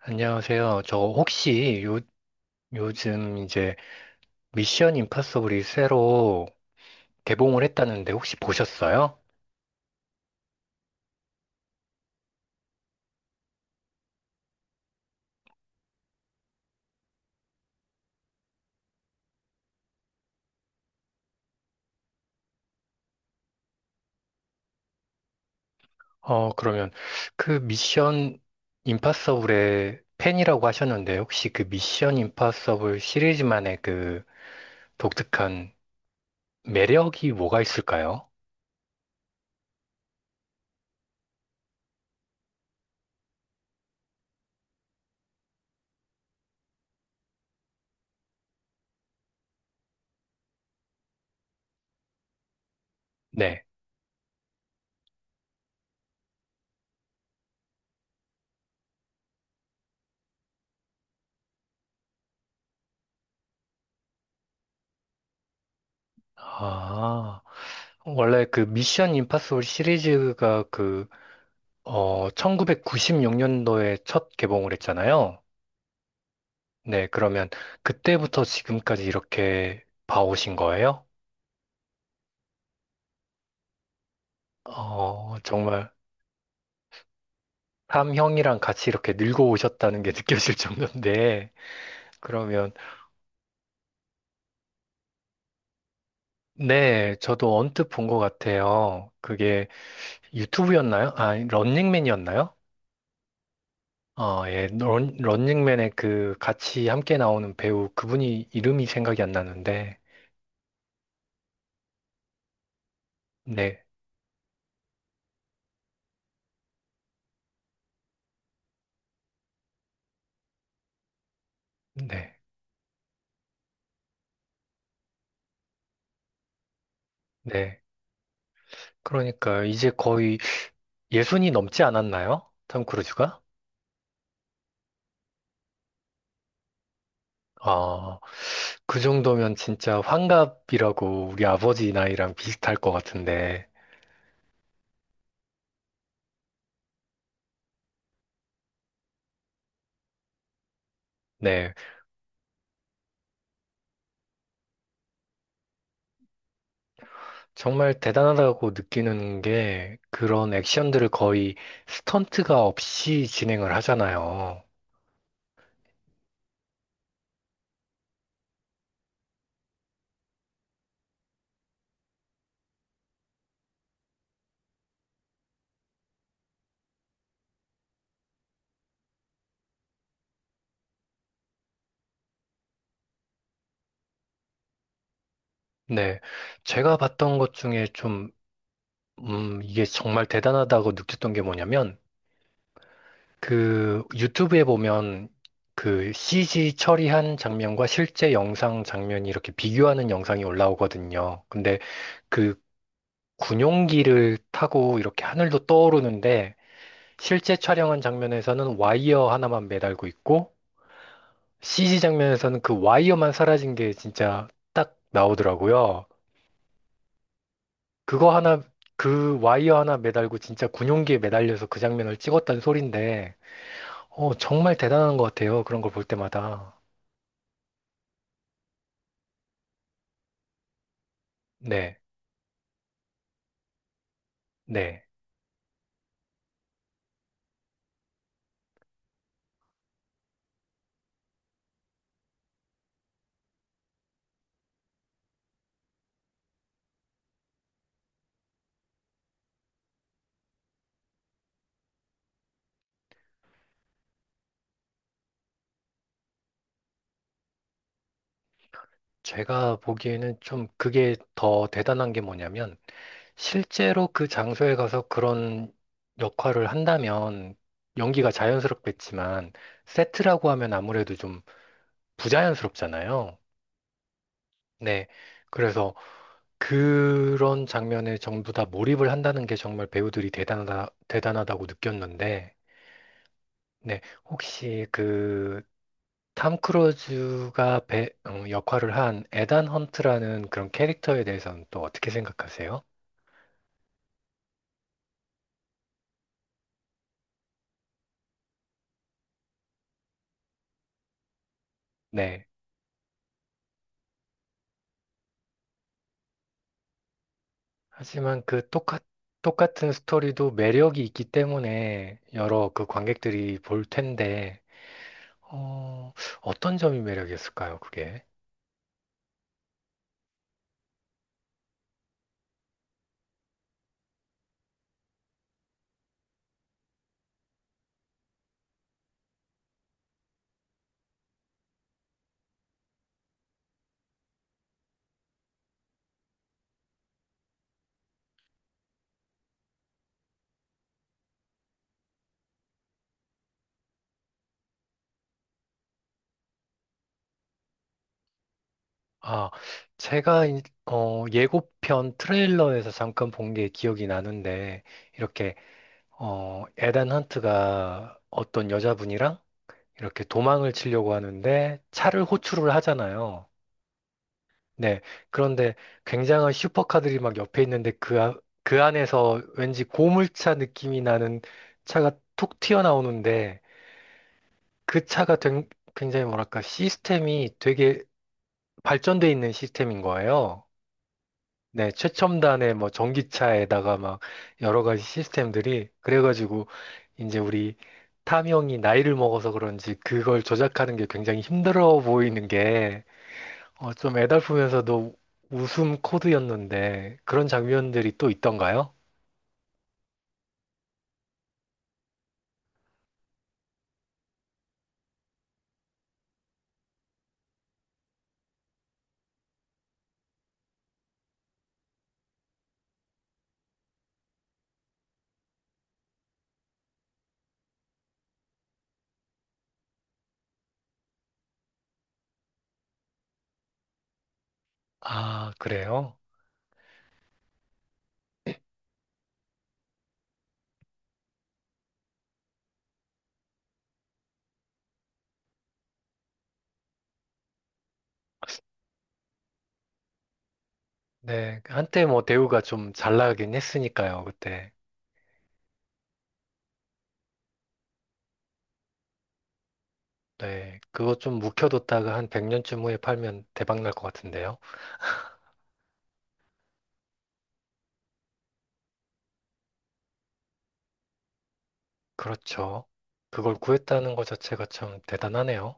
안녕하세요. 저 혹시 요즘 이제 미션 임파서블이 새로 개봉을 했다는데 혹시 보셨어요? 그러면 그 미션 임파서블의 팬이라고 하셨는데 혹시 그 미션 임파서블 시리즈만의 그 독특한 매력이 뭐가 있을까요? 네. 아, 원래 그 미션 임파서블 시리즈가 그, 1996년도에 첫 개봉을 했잖아요. 네, 그러면 그때부터 지금까지 이렇게 봐오신 거예요? 정말 삼형이랑 같이 이렇게 늙어오셨다는 게 느껴질 정도인데, 그러면, 네, 저도 언뜻 본 것 같아요. 그게 유튜브였나요? 아, 런닝맨이었나요? 예, 런닝맨의 그 같이 함께 나오는 배우 그분이 이름이 생각이 안 나는데, 네, 네, 네. 그러니까 이제 거의 예순이 넘지 않았나요? 톰 크루즈가? 아, 그 정도면 진짜 환갑이라고 우리 아버지 나이랑 비슷할 것 같은데, 네, 정말 대단하다고 느끼는 게 그런 액션들을 거의 스턴트가 없이 진행을 하잖아요. 네, 제가 봤던 것 중에 좀, 이게 정말 대단하다고 느꼈던 게 뭐냐면, 그 유튜브에 보면 그 CG 처리한 장면과 실제 영상 장면이 이렇게 비교하는 영상이 올라오거든요. 근데 그 군용기를 타고 이렇게 하늘도 떠오르는데 실제 촬영한 장면에서는 와이어 하나만 매달고 있고 CG 장면에서는 그 와이어만 사라진 게 진짜 딱 나오더라고요. 그거 하나, 그 와이어 하나 매달고 진짜 군용기에 매달려서 그 장면을 찍었다는 소린데, 정말 대단한 것 같아요. 그런 걸 볼 때마다. 네, 네. 제가 보기에는 좀 그게 더 대단한 게 뭐냐면, 실제로 그 장소에 가서 그런 역할을 한다면 연기가 자연스럽겠지만 세트라고 하면 아무래도 좀 부자연스럽잖아요. 네. 그래서 그런 장면에 전부 다 몰입을 한다는 게 정말 배우들이 대단하다, 대단하다고 느꼈는데, 네. 혹시 그 탐 크루즈가 역할을 한 에단 헌트라는 그런 캐릭터에 대해서는 또 어떻게 생각하세요? 네. 하지만 그 똑같은 스토리도 매력이 있기 때문에 여러 그 관객들이 볼 텐데, 어, 어떤 점이 매력이었을까요, 그게? 아, 제가, 예고편 트레일러에서 잠깐 본 게 기억이 나는데, 이렇게, 에단 헌트가 어떤 여자분이랑 이렇게 도망을 치려고 하는데 차를 호출을 하잖아요. 네. 그런데 굉장한 슈퍼카들이 막 옆에 있는데 그, 그 안에서 왠지 고물차 느낌이 나는 차가 툭 튀어나오는데 그 차가 굉장히 뭐랄까 시스템이 되게 발전돼 있는 시스템인 거예요. 네. 최첨단의 뭐 전기차에다가 막 여러 가지 시스템들이 그래가지고 이제 우리 탐형이 나이를 먹어서 그런지 그걸 조작하는 게 굉장히 힘들어 보이는 게 좀 애달프면서도 웃음 코드였는데 그런 장면들이 또 있던가요? 아, 그래요? 네, 한때 뭐 대우가 좀 잘 나가긴 했으니까요, 그때. 네, 그거 좀 묵혀뒀다가 한 100년쯤 후에 팔면 대박 날 것 같은데요. 그렇죠. 그걸 구했다는 것 자체가 참 대단하네요.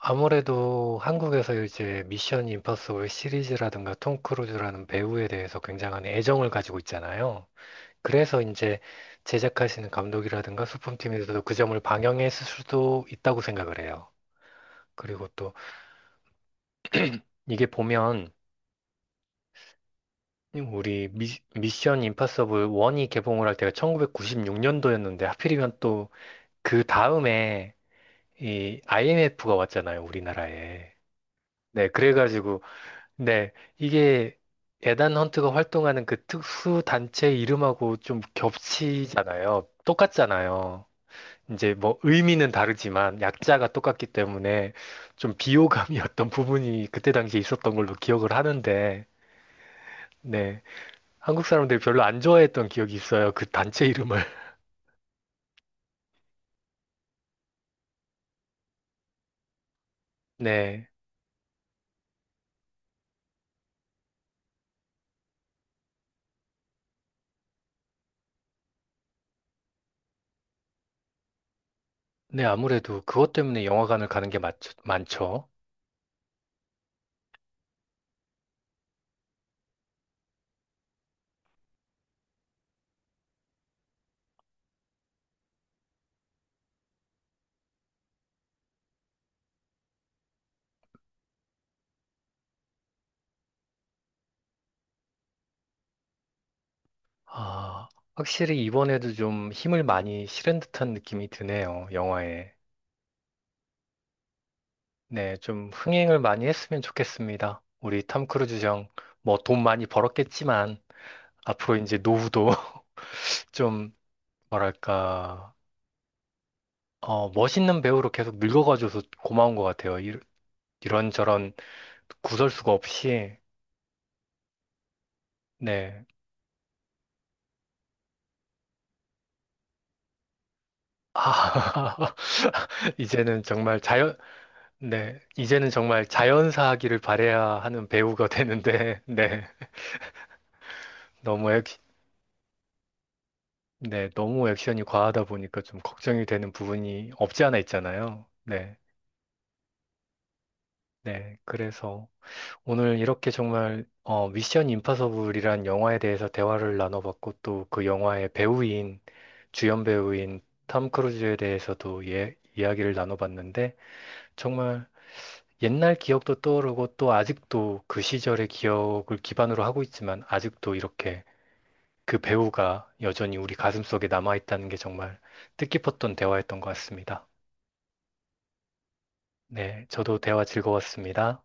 아무래도 한국에서 이제 미션 임파서블 시리즈라든가 톰 크루즈라는 배우에 대해서 굉장한 애정을 가지고 있잖아요. 그래서 이제 제작하시는 감독이라든가 소품팀에서도 그 점을 방영했을 수도 있다고 생각을 해요. 그리고 또 이게 보면 우리 미션 임파서블 1이 개봉을 할 때가 1996년도였는데 하필이면 또 그 다음에 이 IMF가 왔잖아요, 우리나라에. 네, 그래가지고 네, 이게 에단 헌트가 활동하는 그 특수 단체 이름하고 좀 겹치잖아요. 똑같잖아요. 이제 뭐 의미는 다르지만 약자가 똑같기 때문에 좀 비호감이었던 부분이 그때 당시에 있었던 걸로 기억을 하는데, 네. 한국 사람들이 별로 안 좋아했던 기억이 있어요. 그 단체 이름을. 네. 네, 아무래도 그것 때문에 영화관을 가는 게 많죠. 아, 확실히 이번에도 좀 힘을 많이 실은 듯한 느낌이 드네요. 영화에. 네, 좀 흥행을 많이 했으면 좋겠습니다. 우리 탐 크루즈 형, 뭐 돈 많이 벌었겠지만, 앞으로 이제 노후도 좀 뭐랄까, 멋있는 배우로 계속 늙어가줘서 고마운 것 같아요. 이, 런저런 구설수가 없이, 네. 아, 이제는 정말 자연, 네. 이제는 정말 자연사하기를 바래야 하는 배우가 되는데, 네. 너무 액, 네. 너무 액션이 과하다 보니까 좀 걱정이 되는 부분이 없지 않아 있잖아요. 네. 네. 그래서. 오늘 이렇게 정말 미션 임파서블이란 영화에 대해서 대화를 나눠봤고 또 그 영화의 배우인 주연 배우인 탐 크루즈에 대해서도 예, 이야기를 나눠봤는데 정말 옛날 기억도 떠오르고 또 아직도 그 시절의 기억을 기반으로 하고 있지만 아직도 이렇게 그 배우가 여전히 우리 가슴속에 남아있다는 게 정말 뜻깊었던 대화였던 것 같습니다. 네, 저도 대화 즐거웠습니다.